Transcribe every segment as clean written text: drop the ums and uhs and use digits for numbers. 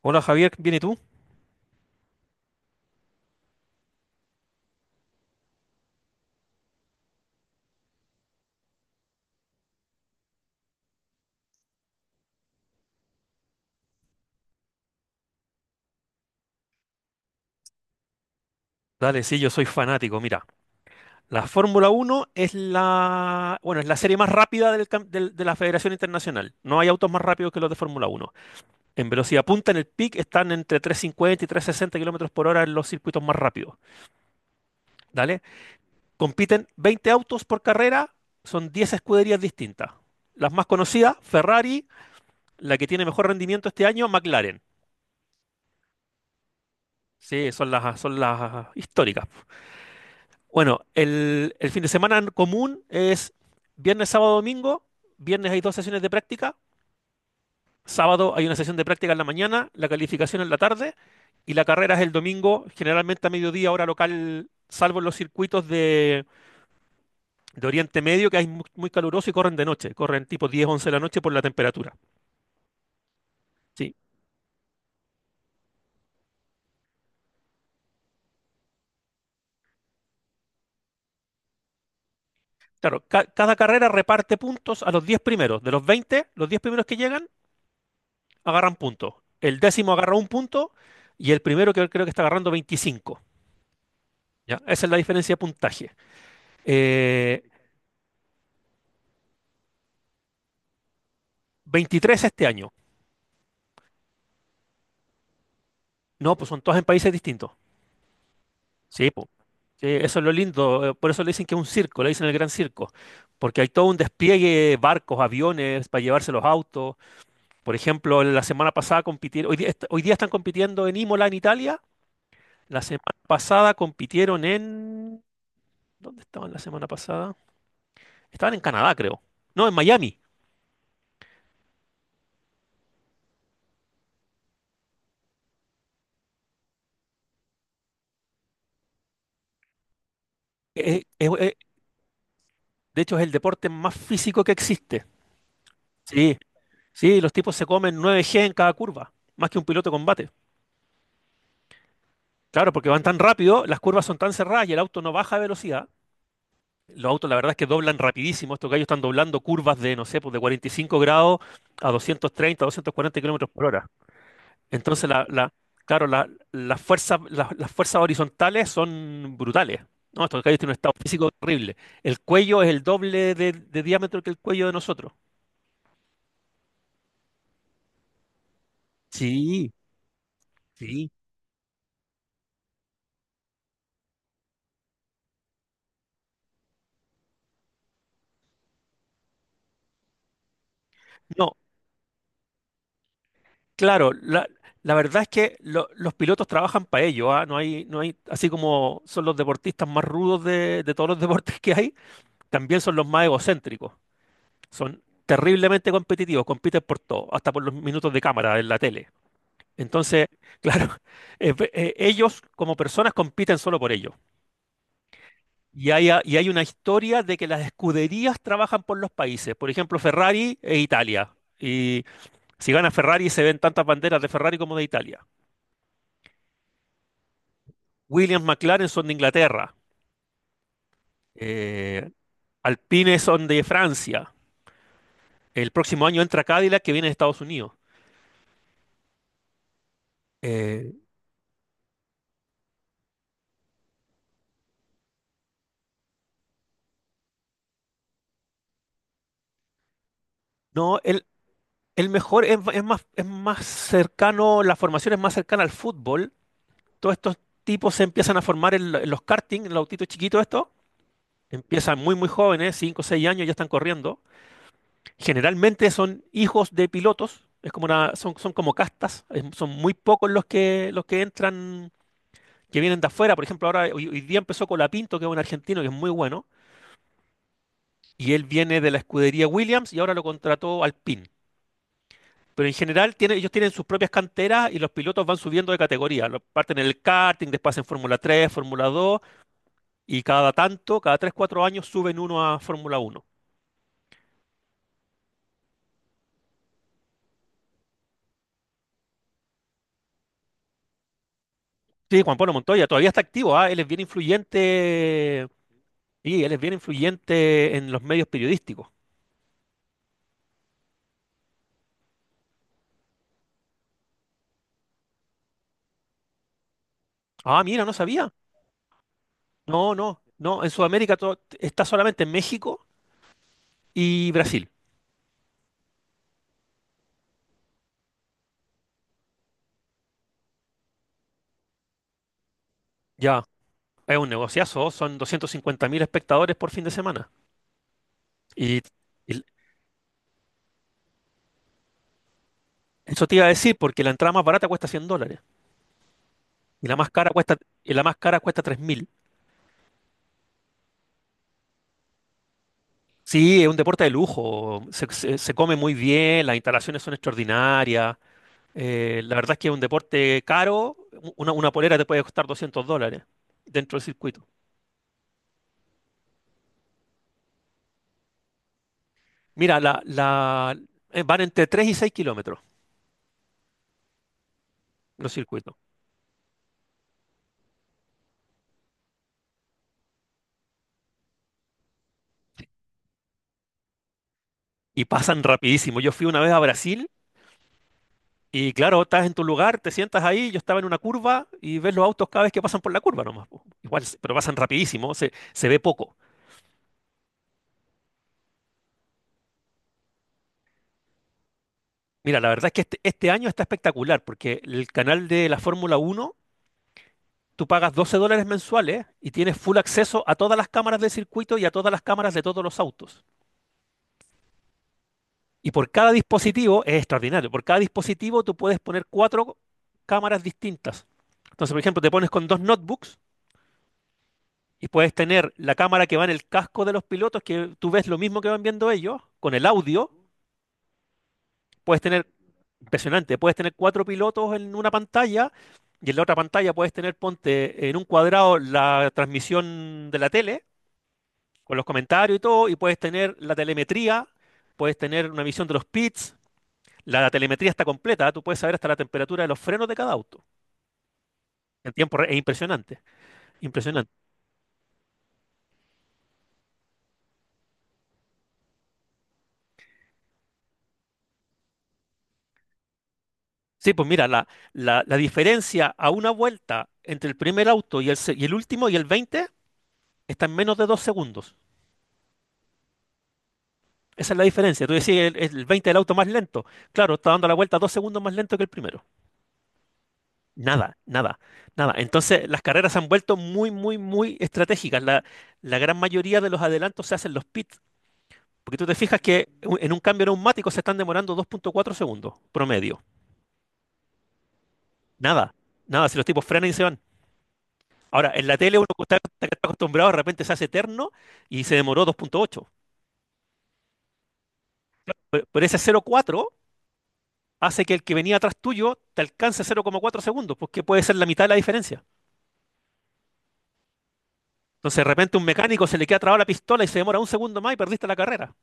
Hola Javier, ¿bien y tú? Dale, sí, yo soy fanático. Mira, la Fórmula Uno es es la serie más rápida de la Federación Internacional. No hay autos más rápidos que los de Fórmula Uno. En velocidad punta, en el peak, están entre 350 y 360 kilómetros por hora en los circuitos más rápidos. Dale, compiten 20 autos por carrera, son 10 escuderías distintas. Las más conocidas, Ferrari, la que tiene mejor rendimiento este año, McLaren. Sí, son las históricas. Bueno, el fin de semana común es viernes, sábado, domingo. Viernes hay dos sesiones de práctica. Sábado hay una sesión de práctica en la mañana, la calificación en la tarde y la carrera es el domingo, generalmente a mediodía, hora local, salvo en los circuitos de Oriente Medio, que es muy caluroso y corren de noche, corren tipo 10, 11 de la noche por la temperatura. Sí, claro, cada carrera reparte puntos a los 10 primeros. De los veinte, los 10 primeros que llegan agarran puntos. El décimo agarra un punto y el primero que creo que está agarrando 25. ¿Ya? Esa es la diferencia de puntaje. Eh, 23 este año. No, pues son todas en países distintos. Sí, pues. Sí, eso es lo lindo. Por eso le dicen que es un circo, le dicen el gran circo. Porque hay todo un despliegue, barcos, aviones, para llevarse los autos. Por ejemplo, la semana pasada compitieron, hoy, hoy día están compitiendo en Imola, en Italia. La semana pasada compitieron en… ¿Dónde estaban la semana pasada? Estaban en Canadá, creo. No, en Miami. Eh, eh, eh, de hecho, es el deporte más físico que existe. Sí, Sí, los tipos se comen 9 G en cada curva, más que un piloto de combate. Claro, porque van tan rápido, las curvas son tan cerradas y el auto no baja de velocidad. Los autos, la verdad es que doblan rapidísimo. Estos gallos están doblando curvas no sé, pues de 45 grados a 230, 240 kilómetros por hora. Entonces, claro, las fuerzas, las fuerzas horizontales son brutales. No, estos gallos tienen un estado físico terrible. El cuello es el doble de diámetro que el cuello de nosotros. Sí, sí. No, claro, la verdad es que los pilotos trabajan para ello, ¿ah? No hay, así como son los deportistas más rudos de todos los deportes que hay, también son los más egocéntricos. Son terriblemente competitivos, compiten por todo, hasta por los minutos de cámara en la tele. Entonces, claro, ellos como personas compiten solo por ello. Y hay una historia de que las escuderías trabajan por los países, por ejemplo, Ferrari e Italia. Y si gana Ferrari se ven tantas banderas de Ferrari como de Italia. Williams McLaren son de Inglaterra. eh, Alpine son de Francia. El próximo año entra Cadillac que viene de Estados Unidos. Eh, no, el mejor es más cercano, la formación es más cercana al fútbol. Todos estos tipos se empiezan a formar en los karting, en los autitos chiquitos estos. Empiezan muy, muy jóvenes, 5 o 6 años, ya están corriendo. Generalmente son hijos de pilotos. Son, son como castas. Son muy pocos los que entran que vienen de afuera. Por ejemplo, hoy día empezó Colapinto, que es un argentino que es muy bueno, y él viene de la escudería Williams y ahora lo contrató Alpine. Pero en general ellos tienen sus propias canteras y los pilotos van subiendo de categoría. Parten en el karting, después en Fórmula 3, Fórmula 2 y cada tanto, cada 3 4 años suben uno a Fórmula 1. Sí, Juan Pablo Montoya todavía está activo. Él es bien influyente, y él es bien influyente en los medios periodísticos. Ah, mira, no sabía. No, no, no. En Sudamérica está solamente en México y Brasil. Ya, es un negociazo, son 250 mil espectadores por fin de semana. Y, y eso te iba a decir, porque la entrada más barata cuesta $100 y la más cara cuesta, y la más cara cuesta 3 mil. Sí, es un deporte de lujo, se come muy bien, las instalaciones son extraordinarias. La verdad es que es un deporte caro, una polera te puede costar $200 dentro del circuito. Mira, van entre 3 y 6 kilómetros los circuitos y pasan rapidísimo. Yo fui una vez a Brasil y claro, estás en tu lugar, te sientas ahí, yo estaba en una curva y ves los autos cada vez que pasan por la curva nomás, po. Igual, pero pasan rapidísimo, se ve poco. Mira, la verdad es que este año está espectacular porque el canal de la Fórmula Uno, tú pagas $12 mensuales y tienes full acceso a todas las cámaras del circuito y a todas las cámaras de todos los autos. Y por cada dispositivo, es extraordinario, por cada dispositivo tú puedes poner cuatro cámaras distintas. Entonces, por ejemplo, te pones con dos notebooks y puedes tener la cámara que va en el casco de los pilotos, que tú ves lo mismo que van viendo ellos, con el audio. Puedes tener, impresionante, puedes tener cuatro pilotos en una pantalla y en la otra pantalla puedes tener, ponte en un cuadrado la transmisión de la tele, con los comentarios y todo, y puedes tener la telemetría, puedes tener una visión de los pits. La telemetría está completa, tú puedes saber hasta la temperatura de los frenos de cada auto. En es impresionante, impresionante. Sí, pues mira, la diferencia a una vuelta entre el primer auto y el último y el 20 está en menos de dos segundos. Esa es la diferencia. Tú decís, el 20 del auto más lento. Claro, está dando la vuelta dos segundos más lento que el primero. Nada, nada, nada. Entonces, las carreras se han vuelto muy, muy, muy estratégicas. La gran mayoría de los adelantos se hacen los pits. Porque tú te fijas que en un cambio neumático se están demorando dos punto cuatro segundos promedio. Nada, nada. Si los tipos frenan y se van. Ahora, en la tele uno está acostumbrado, de repente se hace eterno y se demoró 2.8. Pero ese 0.4 hace que el que venía atrás tuyo te alcance 0.4 segundos, porque puede ser la mitad de la diferencia. Entonces, de repente un mecánico se le queda trabada la pistola y se demora un segundo más y perdiste la carrera.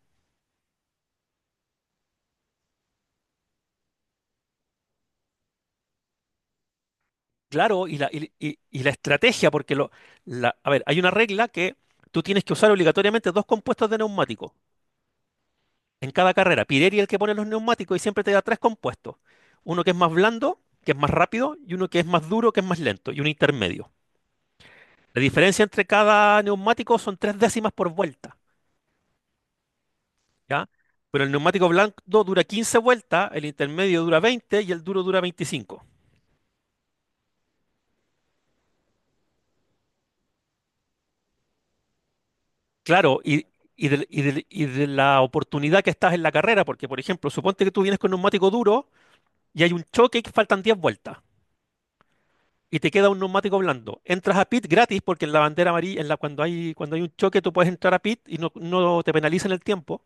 Claro, y la estrategia, porque a ver, hay una regla que tú tienes que usar obligatoriamente dos compuestos de neumático en cada carrera. Pirelli es el que pone los neumáticos y siempre te da tres compuestos. Uno que es más blando, que es más rápido, y uno que es más duro, que es más lento, y un intermedio. La diferencia entre cada neumático son tres décimas por vuelta, ¿ya? Pero el neumático blando dura 15 vueltas, el intermedio dura 20 y el duro dura 25. Claro, la oportunidad que estás en la carrera, porque por ejemplo, suponte que tú vienes con neumático duro y hay un choque y que faltan 10 vueltas y te queda un neumático blando. Entras a pit gratis porque en la bandera amarilla, cuando hay un choque, tú puedes entrar a pit y no te penalizan el tiempo.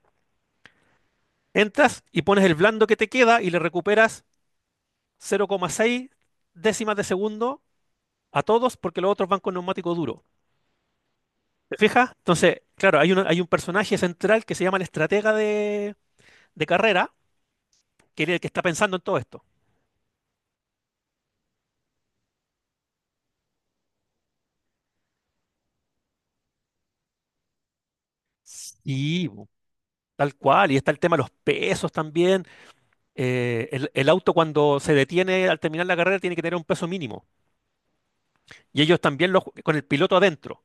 Entras y pones el blando que te queda y le recuperas 0,6 décimas de segundo a todos porque los otros van con neumático duro. ¿Te fijas? Entonces, claro, hay un personaje central que se llama el estratega de carrera, que es el que está pensando en todo esto. Sí, bu, tal cual. Y está el tema de los pesos también. El auto cuando se detiene al terminar la carrera tiene que tener un peso mínimo. Y ellos también con el piloto adentro.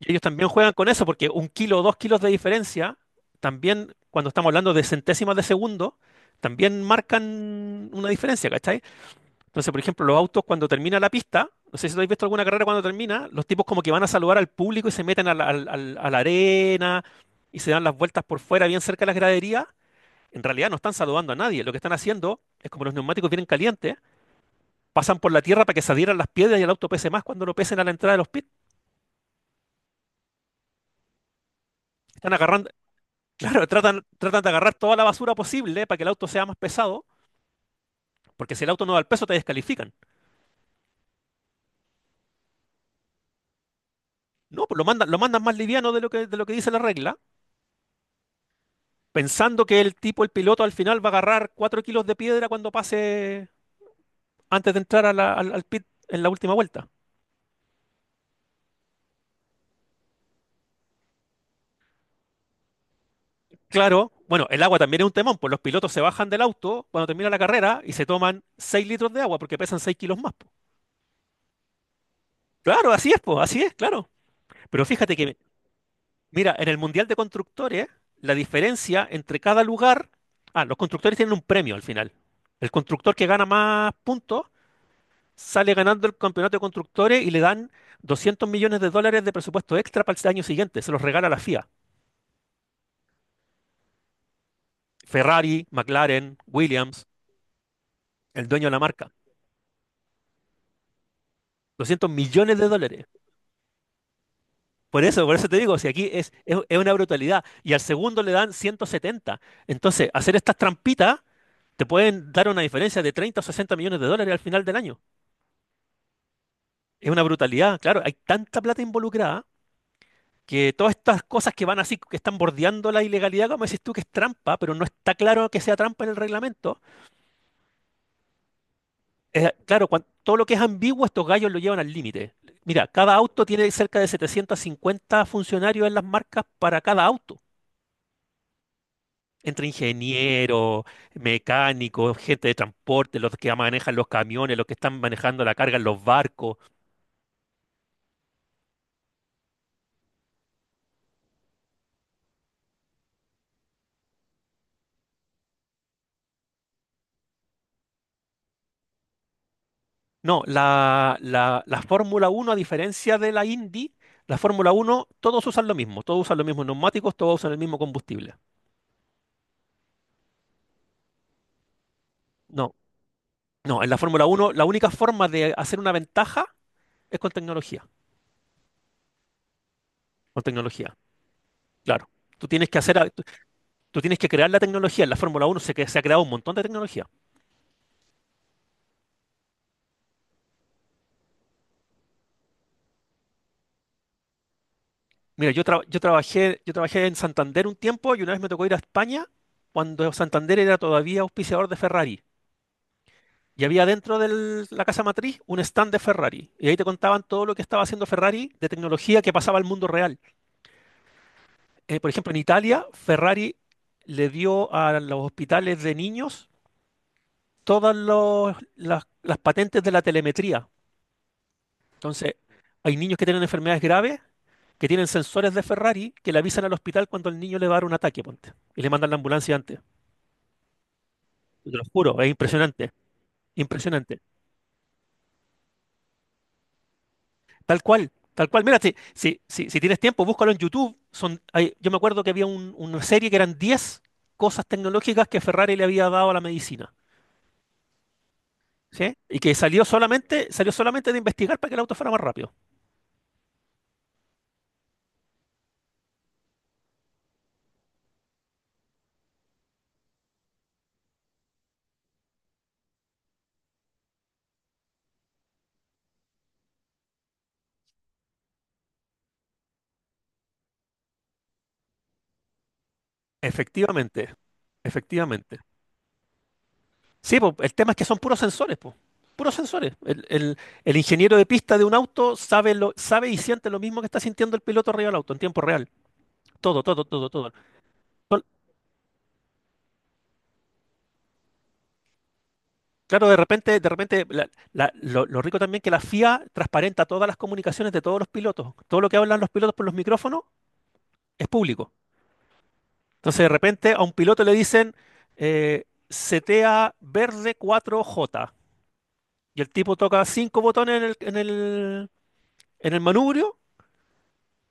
Y ellos también juegan con eso, porque un kilo o dos kilos de diferencia, también cuando estamos hablando de centésimas de segundo, también marcan una diferencia, ¿cachai? Entonces, por ejemplo, los autos cuando termina la pista, no sé si habéis visto alguna carrera cuando termina, los tipos como que van a saludar al público y se meten a la arena y se dan las vueltas por fuera, bien cerca de las graderías. En realidad no están saludando a nadie. Lo que están haciendo es como los neumáticos vienen calientes, pasan por la tierra para que se adhieran las piedras y el auto pese más cuando lo pesen a la entrada de los pits. Están agarrando, claro, tratan de agarrar toda la basura posible para que el auto sea más pesado, porque si el auto no da el peso te descalifican. No, pues lo mandan más liviano de lo que dice la regla, pensando que el piloto, al final va a agarrar 4 kilos de piedra cuando pase antes de entrar a al pit en la última vuelta. Claro, bueno, el agua también es un temón, pues los pilotos se bajan del auto cuando termina la carrera y se toman 6 litros de agua porque pesan 6 kilos más. Po. Claro, así es, pues, así es, claro. Pero fíjate que, mira, en el Mundial de Constructores, la diferencia entre cada lugar, ah, los constructores tienen un premio al final. El constructor que gana más puntos sale ganando el campeonato de constructores y le dan $200 millones de presupuesto extra para el año siguiente. Se los regala la FIA. Ferrari, McLaren, Williams, el dueño de la marca. $200 millones. Por eso te digo, si aquí es una brutalidad y al segundo le dan 170. Entonces, hacer estas trampitas te pueden dar una diferencia de 30 o 60 millones de dólares al final del año. Es una brutalidad, claro, hay tanta plata involucrada que todas estas cosas que van así, que están bordeando la ilegalidad, como decís tú, que es trampa, pero no está claro que sea trampa en el reglamento. Claro, todo lo que es ambiguo, estos gallos lo llevan al límite. Mira, cada auto tiene cerca de 750 funcionarios en las marcas para cada auto, entre ingenieros, mecánicos, gente de transporte, los que manejan los camiones, los que están manejando la carga en los barcos. No, la Fórmula Uno a diferencia de la Indy, la Fórmula Uno todos usan lo mismo, todos usan los mismos neumáticos, todos usan el mismo combustible. No, no, en la Fórmula Uno la única forma de hacer una ventaja es con tecnología, claro. Tú tienes que tú tienes que crear la tecnología. En la Fórmula Uno se ha creado un montón de tecnología. Mira, yo trabajé en Santander un tiempo y una vez me tocó ir a España cuando Santander era todavía auspiciador de Ferrari. Y había dentro de la casa matriz un stand de Ferrari. Y ahí te contaban todo lo que estaba haciendo Ferrari de tecnología que pasaba al mundo real. Por ejemplo, en Italia, Ferrari le dio a los hospitales de niños las patentes de la telemetría. Entonces, hay niños que tienen enfermedades graves, que tienen sensores de Ferrari, que le avisan al hospital cuando el niño le va a dar un ataque, ponte. Y le mandan la ambulancia antes. Te lo juro, es impresionante. Impresionante. Tal cual, tal cual. Mira, si tienes tiempo, búscalo en YouTube. Yo me acuerdo que una serie que eran 10 cosas tecnológicas que Ferrari le había dado a la medicina, ¿sí? Y que salió solamente de investigar para que el auto fuera más rápido. Efectivamente, efectivamente. Sí, po, el tema es que son puros sensores, po. Puros sensores. El ingeniero de pista de un auto sabe, sabe y siente lo mismo que está sintiendo el piloto arriba del auto en tiempo real. Todo, todo, todo, todo. Sol- Claro, de repente, lo rico también que la FIA transparenta todas las comunicaciones de todos los pilotos. Todo lo que hablan los pilotos por los micrófonos es público. Entonces, de repente, a un piloto le dicen eh, setea verde 4J. Y el tipo toca 5 botones en el manubrio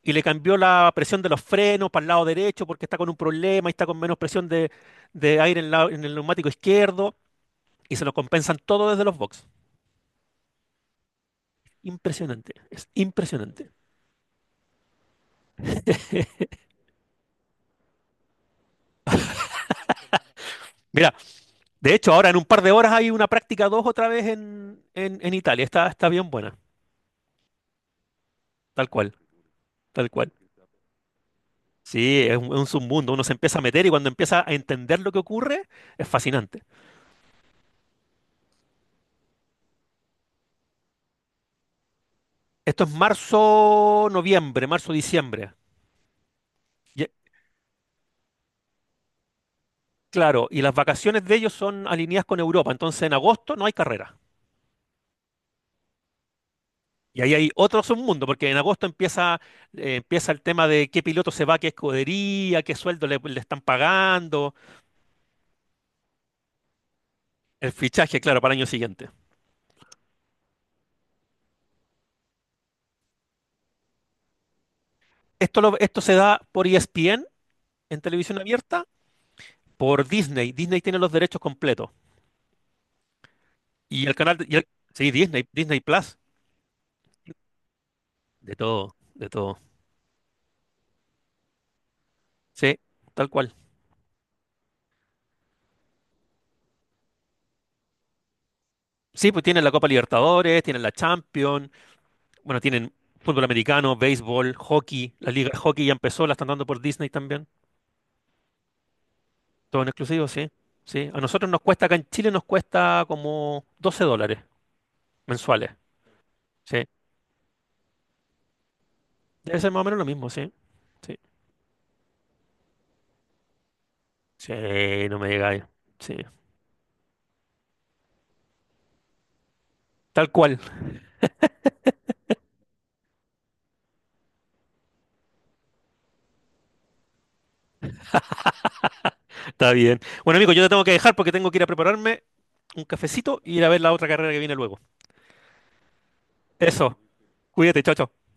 y le cambió la presión de los frenos para el lado derecho porque está con un problema y está con menos presión de aire en, la- en el neumático izquierdo. Y se lo compensan todo desde los box. Impresionante, es impresionante. Mira, de hecho, ahora en un par de horas hay una práctica 2 otra vez en, en Italia. Está bien buena, tal cual, tal cual. Sí, es un submundo. Uno se empieza a meter y cuando empieza a entender lo que ocurre, es fascinante. Esto es marzo, noviembre, marzo, diciembre. Y- claro, y las vacaciones de ellos son alineadas con Europa. Entonces en agosto no hay carrera. Y ahí hay otro submundo, porque en agosto empieza, empieza el tema de qué piloto se va, qué escudería, qué sueldo le están pagando, el fichaje, claro, para el año siguiente. Esto se da por ESPN en televisión abierta, por Disney. Disney tiene los derechos completos. Y el canal, de- y el- sí, Disney, Disney Plus, de todo, de todo. Sí, tal cual. Sí, pues tienen la Copa Libertadores, tienen la Champions, bueno, tienen fútbol americano, béisbol, hockey, la liga de hockey ya empezó, la están dando por Disney también. Todo en exclusivo, sí. Sí, a nosotros nos cuesta, acá en Chile nos cuesta como $12 mensuales. Sí, debe ser más o menos lo mismo, sí. Sí, sí, no me llega ahí. Sí. Tal cual. Está bien. Bueno, amigo, yo te tengo que dejar porque tengo que ir a prepararme un cafecito y ir a ver la otra carrera que viene luego. Eso. Cuídate, chao, chao.